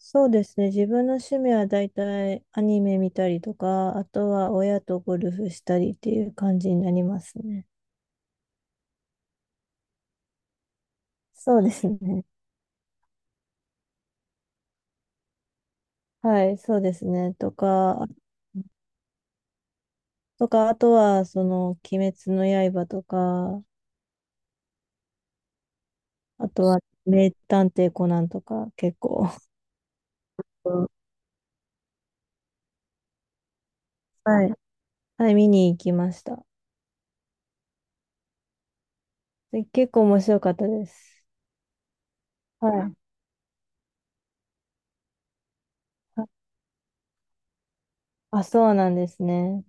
そうですね。自分の趣味はだいたいアニメ見たりとか、あとは親とゴルフしたりっていう感じになりますね。そうですね。はい、そうですね。とか、あとは、その、鬼滅の刃とか、あとは、名探偵コナンとか、結構うんはい、はい、見に行きました。で、結構面白かったです。はい。あ、そうなんですね。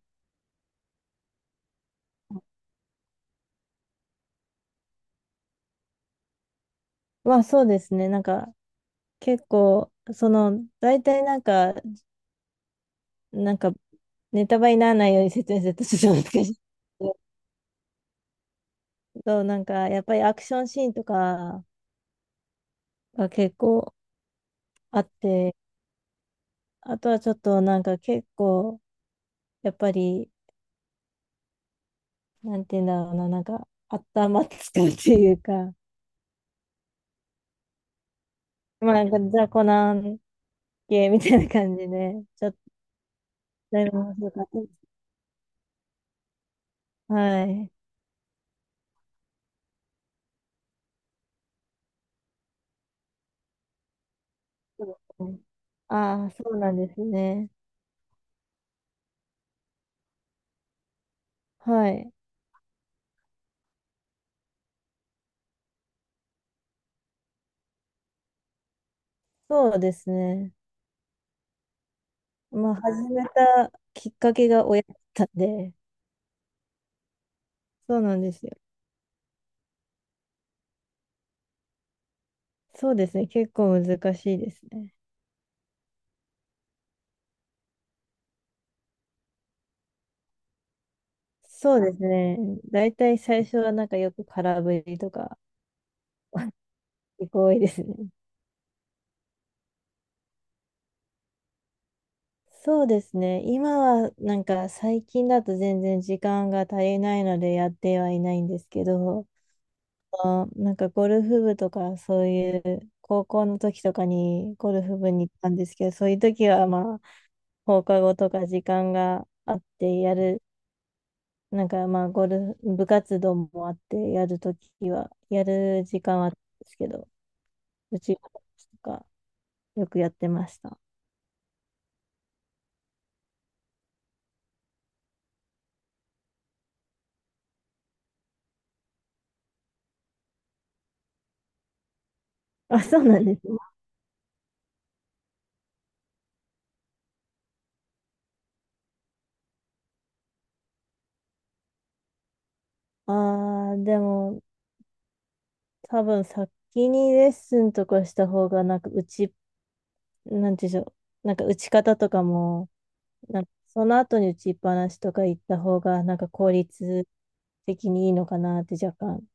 まあ、そうですね。なんか、結構、その、大体なんか、ネタバレにならないように説明するとちょっと難しい。そう、なんか、やっぱりアクションシーンとかが結構あって、あとはちょっとなんか結構、やっぱり、なんて言うんだろうな、なんか、頭使うっていうか、まあなんか雑魚な系みたいな感じで、ちょっとだいぶ面白かったです。はい。そうですね。ああ、そうなんですね。はい。そうですね。まあ、始めたきっかけが親だったんで、そうなんですよ。そうですね。結構難しいですね。そうですね。だいたい最初はなんかよく空振りとか結構多いですね。そうですね。今はなんか最近だと全然時間が足りないのでやってはいないんですけど、あなんかゴルフ部とかそういう高校の時とかにゴルフ部に行ったんですけど、そういう時はまあ放課後とか時間があってやるなんかまあ、ゴルフ、部活動もあって、やるときは、やる時間はあったんですけど、うちとか、よくやってました。あ、そうなんですね。ああ、でも、多分先にレッスンとかした方が、なんか、打ち、なんていうんでしょう、なんか、打ち方とかも、なんか、その後に打ちっぱなしとか行った方が、なんか、効率的にいいのかなって、若干。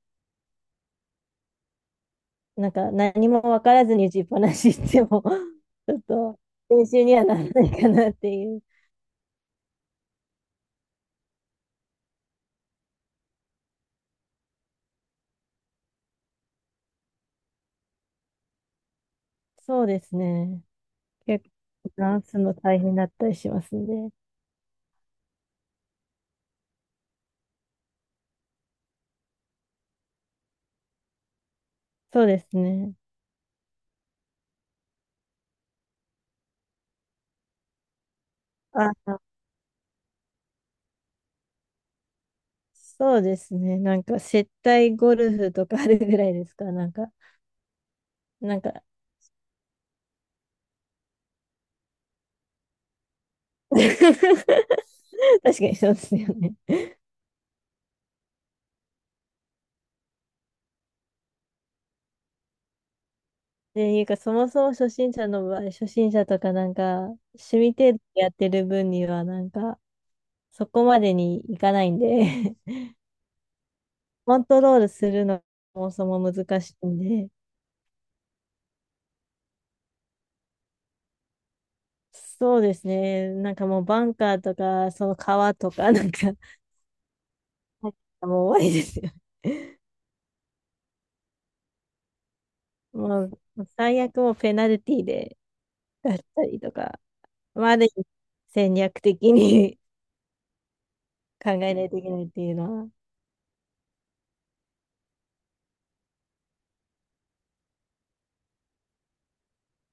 なんか、何も分からずに打ちっぱなし行っても ちょっと、練習にはならないかなっていう。そうですね。結構、ンスの大変だったりしますんで。そうですね。あ、そうですね。なんか、接待ゴルフとかあるぐらいですか。なんか、なんか 確かにそうですよね。で、いうか、そもそも初心者の場合、初心者とかなんか、趣味程度でやってる分には、なんか、そこまでにいかないんで コントロールするのそもそも難しいんで、そうですね。なんかもうバンカーとか、その川とか、なんか もう終わりですよね。もう最悪もうペナルティーでだったりとか、まあある意味戦略的に 考えないといけないっていうのは。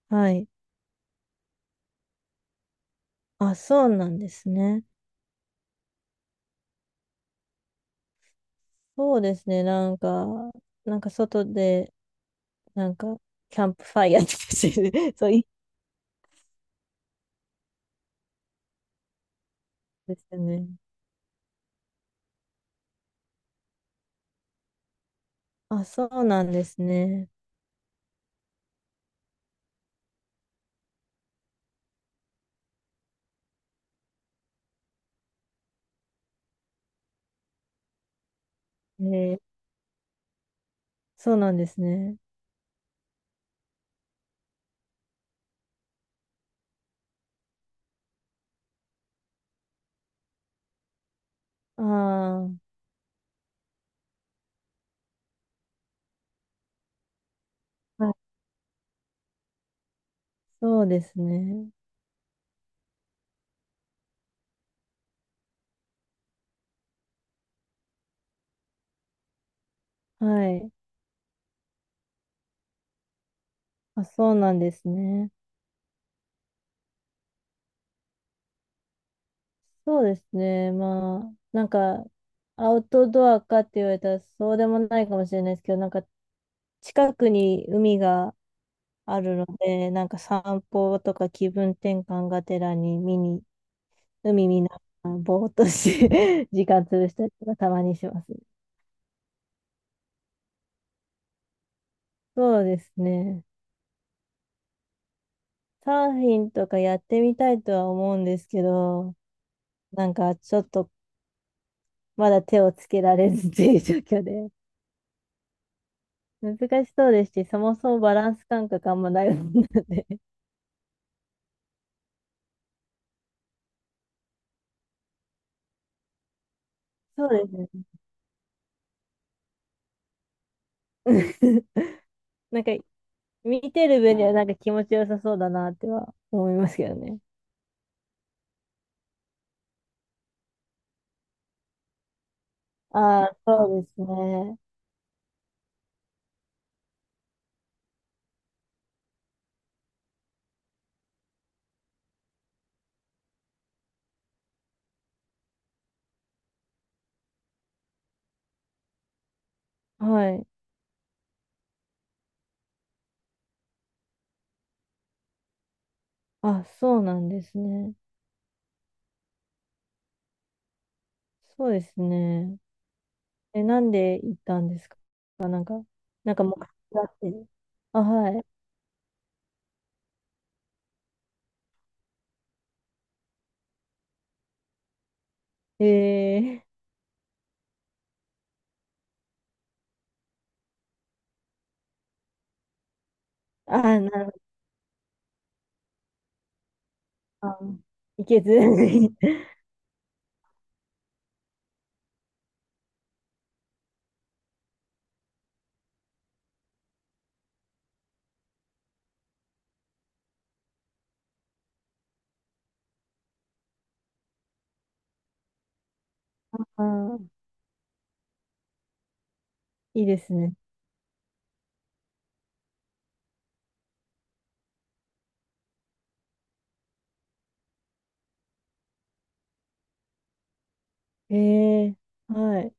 はい。あ、そうなんですね。そうですね。なんか、なんか外で、なんか、キャンプファイヤーとかしてる、そういうんですよね。あ、そうなんですね。えーそうなんですね。ああ。そうですね。はい。あ、そうなんですね。そうですね。まあ、なんか、アウトドアかって言われたらそうでもないかもしれないですけど、なんか、近くに海があるので、なんか散歩とか気分転換がてらに見に、海見ながら、ぼーっとし て時間潰したりとかたまにします。そうですね。サーフィンとかやってみたいとは思うんですけど、なんかちょっとまだ手をつけられずっていう状況で。難しそうですし、そもそもバランス感覚あんまないもんなんで。そうですね。なんか、見てる分にはなんか気持ちよさそうだなっては思いますけどね。ああ、そうですね。はい。あ、そうなんですね。そうですね。え、なんで行ったんですか？なんか、なんか目標があって。あ、はい。あー、なるほど。あ、いけず。あー、いいですね。えー、はい。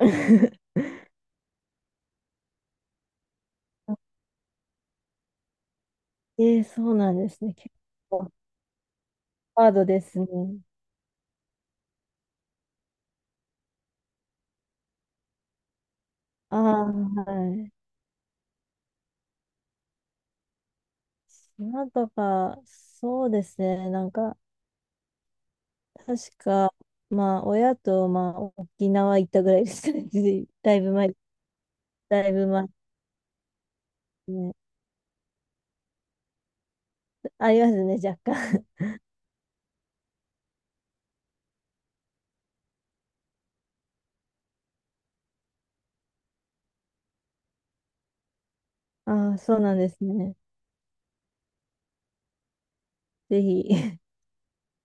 ええ、そうなんですね。結構ハードですね。ああ、はい。島とか、そうですね。なんか、確か、まあ、親と、まあ、沖縄行ったぐらいですかね。だいぶ前、だいぶ前ですね。ありますね、若干。ああ、そうなんですね。ぜひ。